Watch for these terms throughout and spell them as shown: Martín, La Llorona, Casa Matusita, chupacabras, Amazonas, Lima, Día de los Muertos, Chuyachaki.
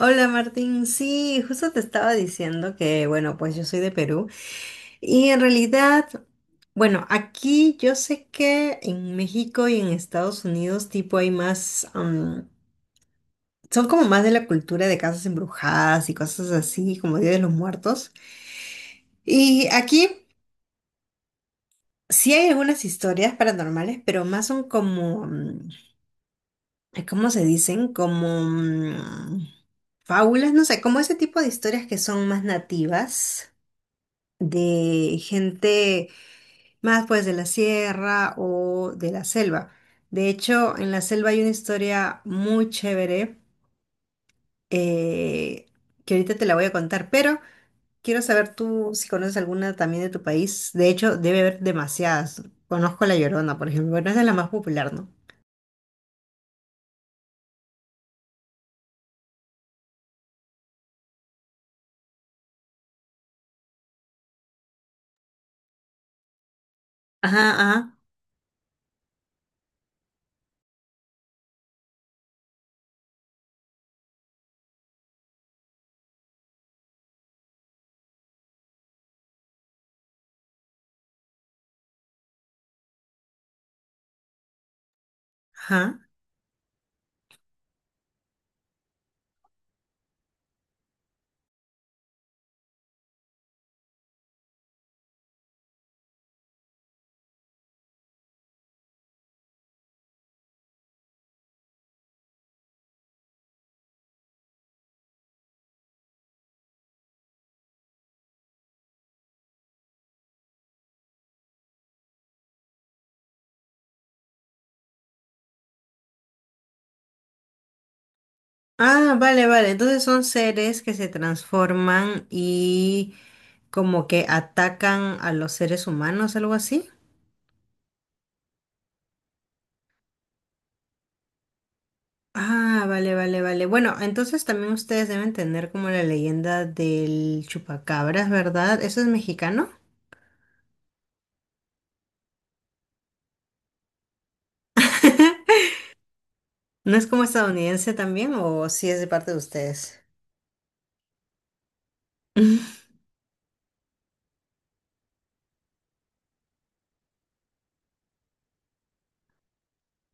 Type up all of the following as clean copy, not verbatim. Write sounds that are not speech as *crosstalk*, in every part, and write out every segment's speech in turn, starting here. Hola Martín, sí, justo te estaba diciendo que, bueno, pues yo soy de Perú y en realidad, bueno, aquí yo sé que en México y en Estados Unidos tipo hay más, son como más de la cultura de casas embrujadas y cosas así, como Día de los Muertos. Y aquí sí hay algunas historias paranormales, pero más son como, ¿cómo se dicen? Como fábulas, no sé, como ese tipo de historias que son más nativas. De gente más pues de la sierra o de la selva. De hecho, en la selva hay una historia muy chévere, eh, que ahorita te la voy a contar, pero quiero saber tú si conoces alguna también de tu país. De hecho, debe haber demasiadas. Conozco La Llorona, por ejemplo, pero es de la más popular, ¿no? Ajá, ajá, ajá. Ah, vale, vale. Entonces son seres que se transforman y como que atacan a los seres humanos, algo así. Ah, vale, vale, vale. Bueno, entonces también ustedes deben tener como la leyenda del chupacabras, ¿verdad? ¿Eso es mexicano? *laughs* ¿No es como estadounidense también o si es de parte de ustedes? *laughs*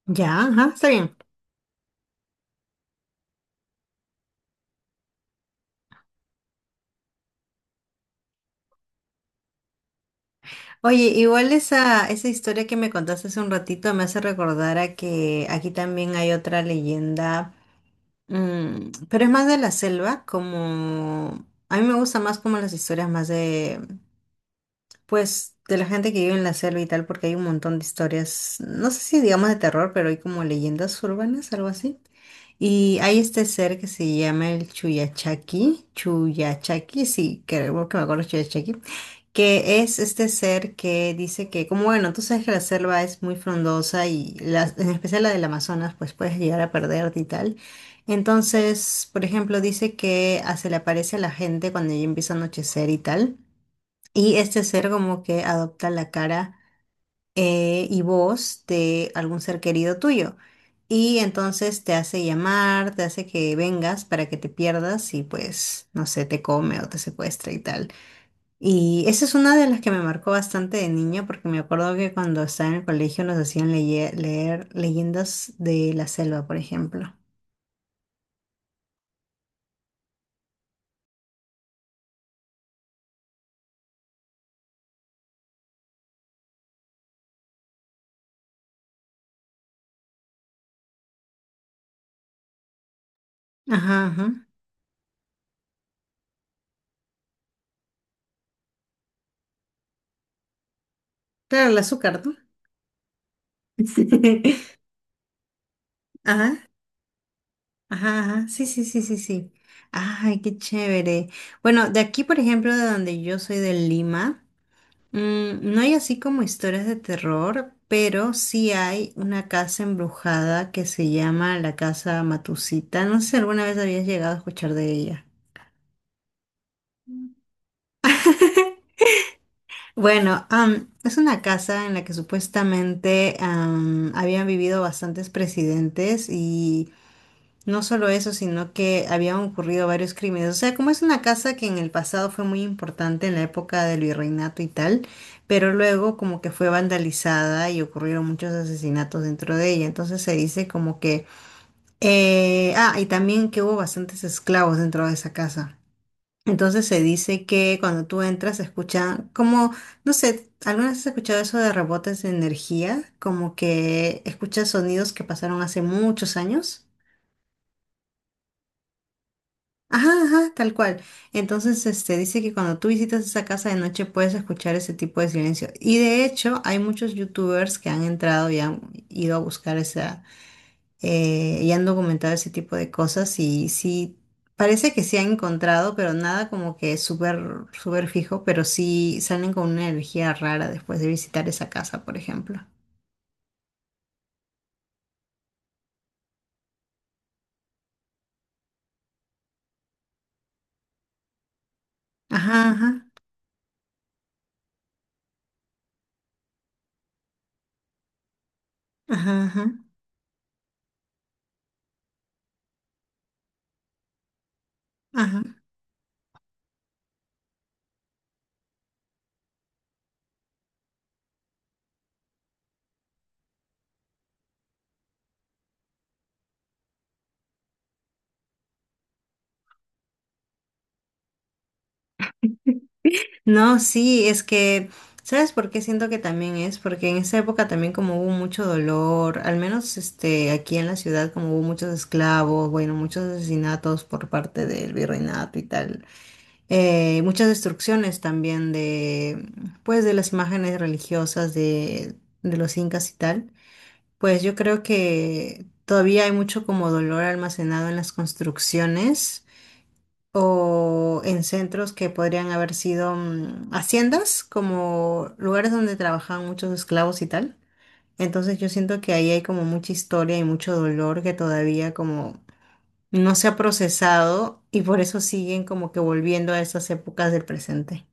Ya, ajá, está bien. Oye, igual esa, esa historia que me contaste hace un ratito me hace recordar a que aquí también hay otra leyenda, mm, pero es más de la selva, como... A mí me gusta más como las historias más de pues de la gente que vive en la selva y tal, porque hay un montón de historias, no sé si digamos de terror, pero hay como leyendas urbanas, algo así. Y hay este ser que se llama el Chuyachaki, Chuyachaki, sí, creo que me acuerdo Chuyachaki, que es este ser que dice que, como bueno, tú sabes que la selva es muy frondosa y en especial la del Amazonas, pues puedes llegar a perderte y tal. Entonces, por ejemplo, dice que ah, se le aparece a la gente cuando ya empieza a anochecer y tal. Y este ser como que adopta la cara, y voz de algún ser querido tuyo. Y entonces te hace llamar, te hace que vengas para que te pierdas y pues, no sé, te come o te secuestra y tal. Y esa es una de las que me marcó bastante de niña porque me acuerdo que cuando estaba en el colegio nos hacían leer leyendas de la selva, por ejemplo. Ajá, ajá. Claro, el azúcar, ¿no? *laughs* Ajá. Ajá, ajá, sí, sí, sí, sí, sí. Ay, qué chévere. Bueno, de aquí, por ejemplo, de donde yo soy, de Lima, mm, no hay así como historias de terror, pero sí hay una casa embrujada que se llama la Casa Matusita. No sé si alguna vez habías llegado a escuchar de ella. Bueno, es una casa en la que supuestamente habían vivido bastantes presidentes y no solo eso, sino que habían ocurrido varios crímenes. O sea, como es una casa que en el pasado fue muy importante en la época del virreinato y tal, pero luego como que fue vandalizada y ocurrieron muchos asesinatos dentro de ella. Entonces se dice como que... ah, y también que hubo bastantes esclavos dentro de esa casa. Entonces se dice que cuando tú entras se escucha como, no sé, ¿alguna vez has escuchado eso de rebotes de energía? Como que escuchas sonidos que pasaron hace muchos años. Ajá, ajá, tal cual. Entonces, este, dice que cuando tú visitas esa casa de noche puedes escuchar ese tipo de silencio. Y de hecho, hay muchos youtubers que han entrado y han ido a buscar esa, y han documentado ese tipo de cosas y sí, parece que sí han encontrado, pero nada como que súper, súper fijo, pero sí salen con una energía rara después de visitar esa casa, por ejemplo. Ajá, ajá, ajá, ajá, ajá. No, sí, es que, ¿sabes por qué siento que también es? Porque en esa época también como hubo mucho dolor, al menos este, aquí en la ciudad como hubo muchos esclavos, bueno, muchos asesinatos por parte del virreinato y tal, muchas destrucciones también de, pues, de las imágenes religiosas de los incas y tal, pues yo creo que todavía hay mucho como dolor almacenado en las construcciones o en centros que podrían haber sido mm, haciendas, como lugares donde trabajaban muchos esclavos y tal. Entonces yo siento que ahí hay como mucha historia y mucho dolor que todavía como no se ha procesado y por eso siguen como que volviendo a esas épocas del presente.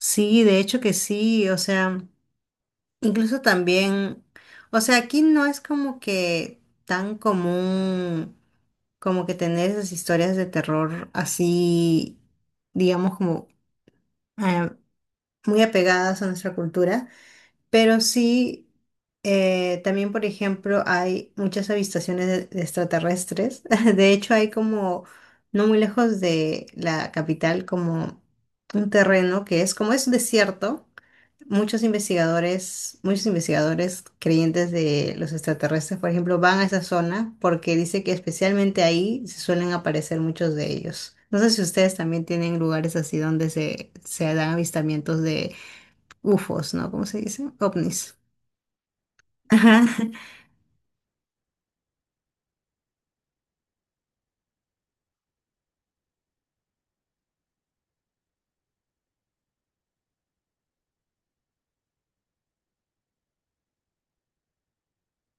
Sí, de hecho que sí, o sea... Incluso también, o sea, aquí no es como que tan común como que tener esas historias de terror así, digamos, como eh, muy apegadas a nuestra cultura, pero sí, también, por ejemplo, hay muchas avistaciones de extraterrestres. *laughs* De hecho, hay como, no muy lejos de la capital, como un terreno que es como es un desierto. Muchos investigadores creyentes de los extraterrestres, por ejemplo, van a esa zona porque dice que especialmente ahí se suelen aparecer muchos de ellos. No sé si ustedes también tienen lugares así donde se dan avistamientos de UFOs, ¿no? ¿Cómo se dice? OVNIs. *laughs* Ajá,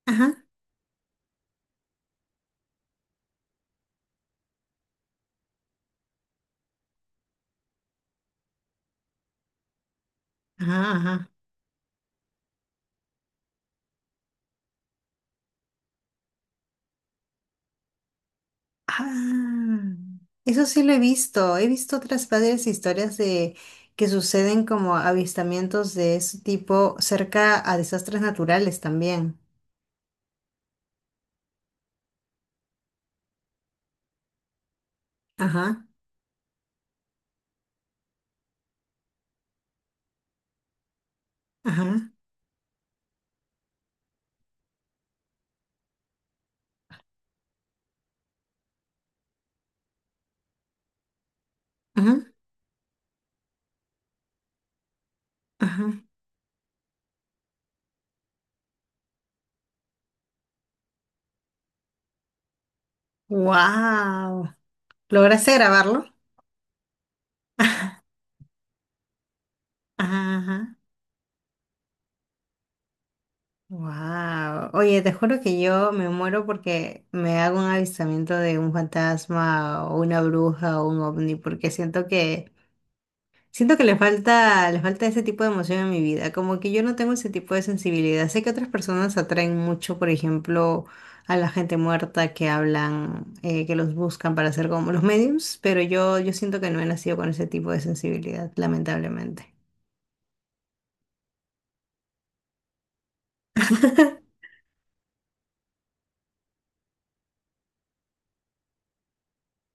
ajá, ajá, ajá. Ah, eso sí lo he visto. He visto otras varias historias de que suceden como avistamientos de ese tipo cerca a desastres naturales también. Ajá, ajá, ajá, ajá. Wow. ¿Lograste grabarlo? Ajá, wow. Oye, te juro que yo me muero porque me hago un avistamiento de un fantasma o una bruja o un ovni, porque siento que siento que le falta ese tipo de emoción en mi vida, como que yo no tengo ese tipo de sensibilidad. Sé que otras personas atraen mucho, por ejemplo, a la gente muerta que hablan, que los buscan para hacer como los mediums, pero yo siento que no he nacido con ese tipo de sensibilidad, lamentablemente. *laughs*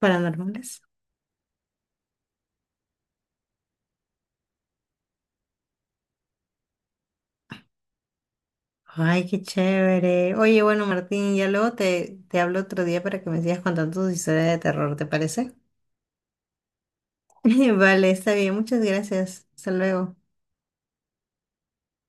Paranormales. Ay, qué chévere. Oye, bueno, Martín, ya luego te, te hablo otro día para que me sigas contando tus historias de terror, ¿te parece? *laughs* Vale, está bien, muchas gracias. Hasta luego.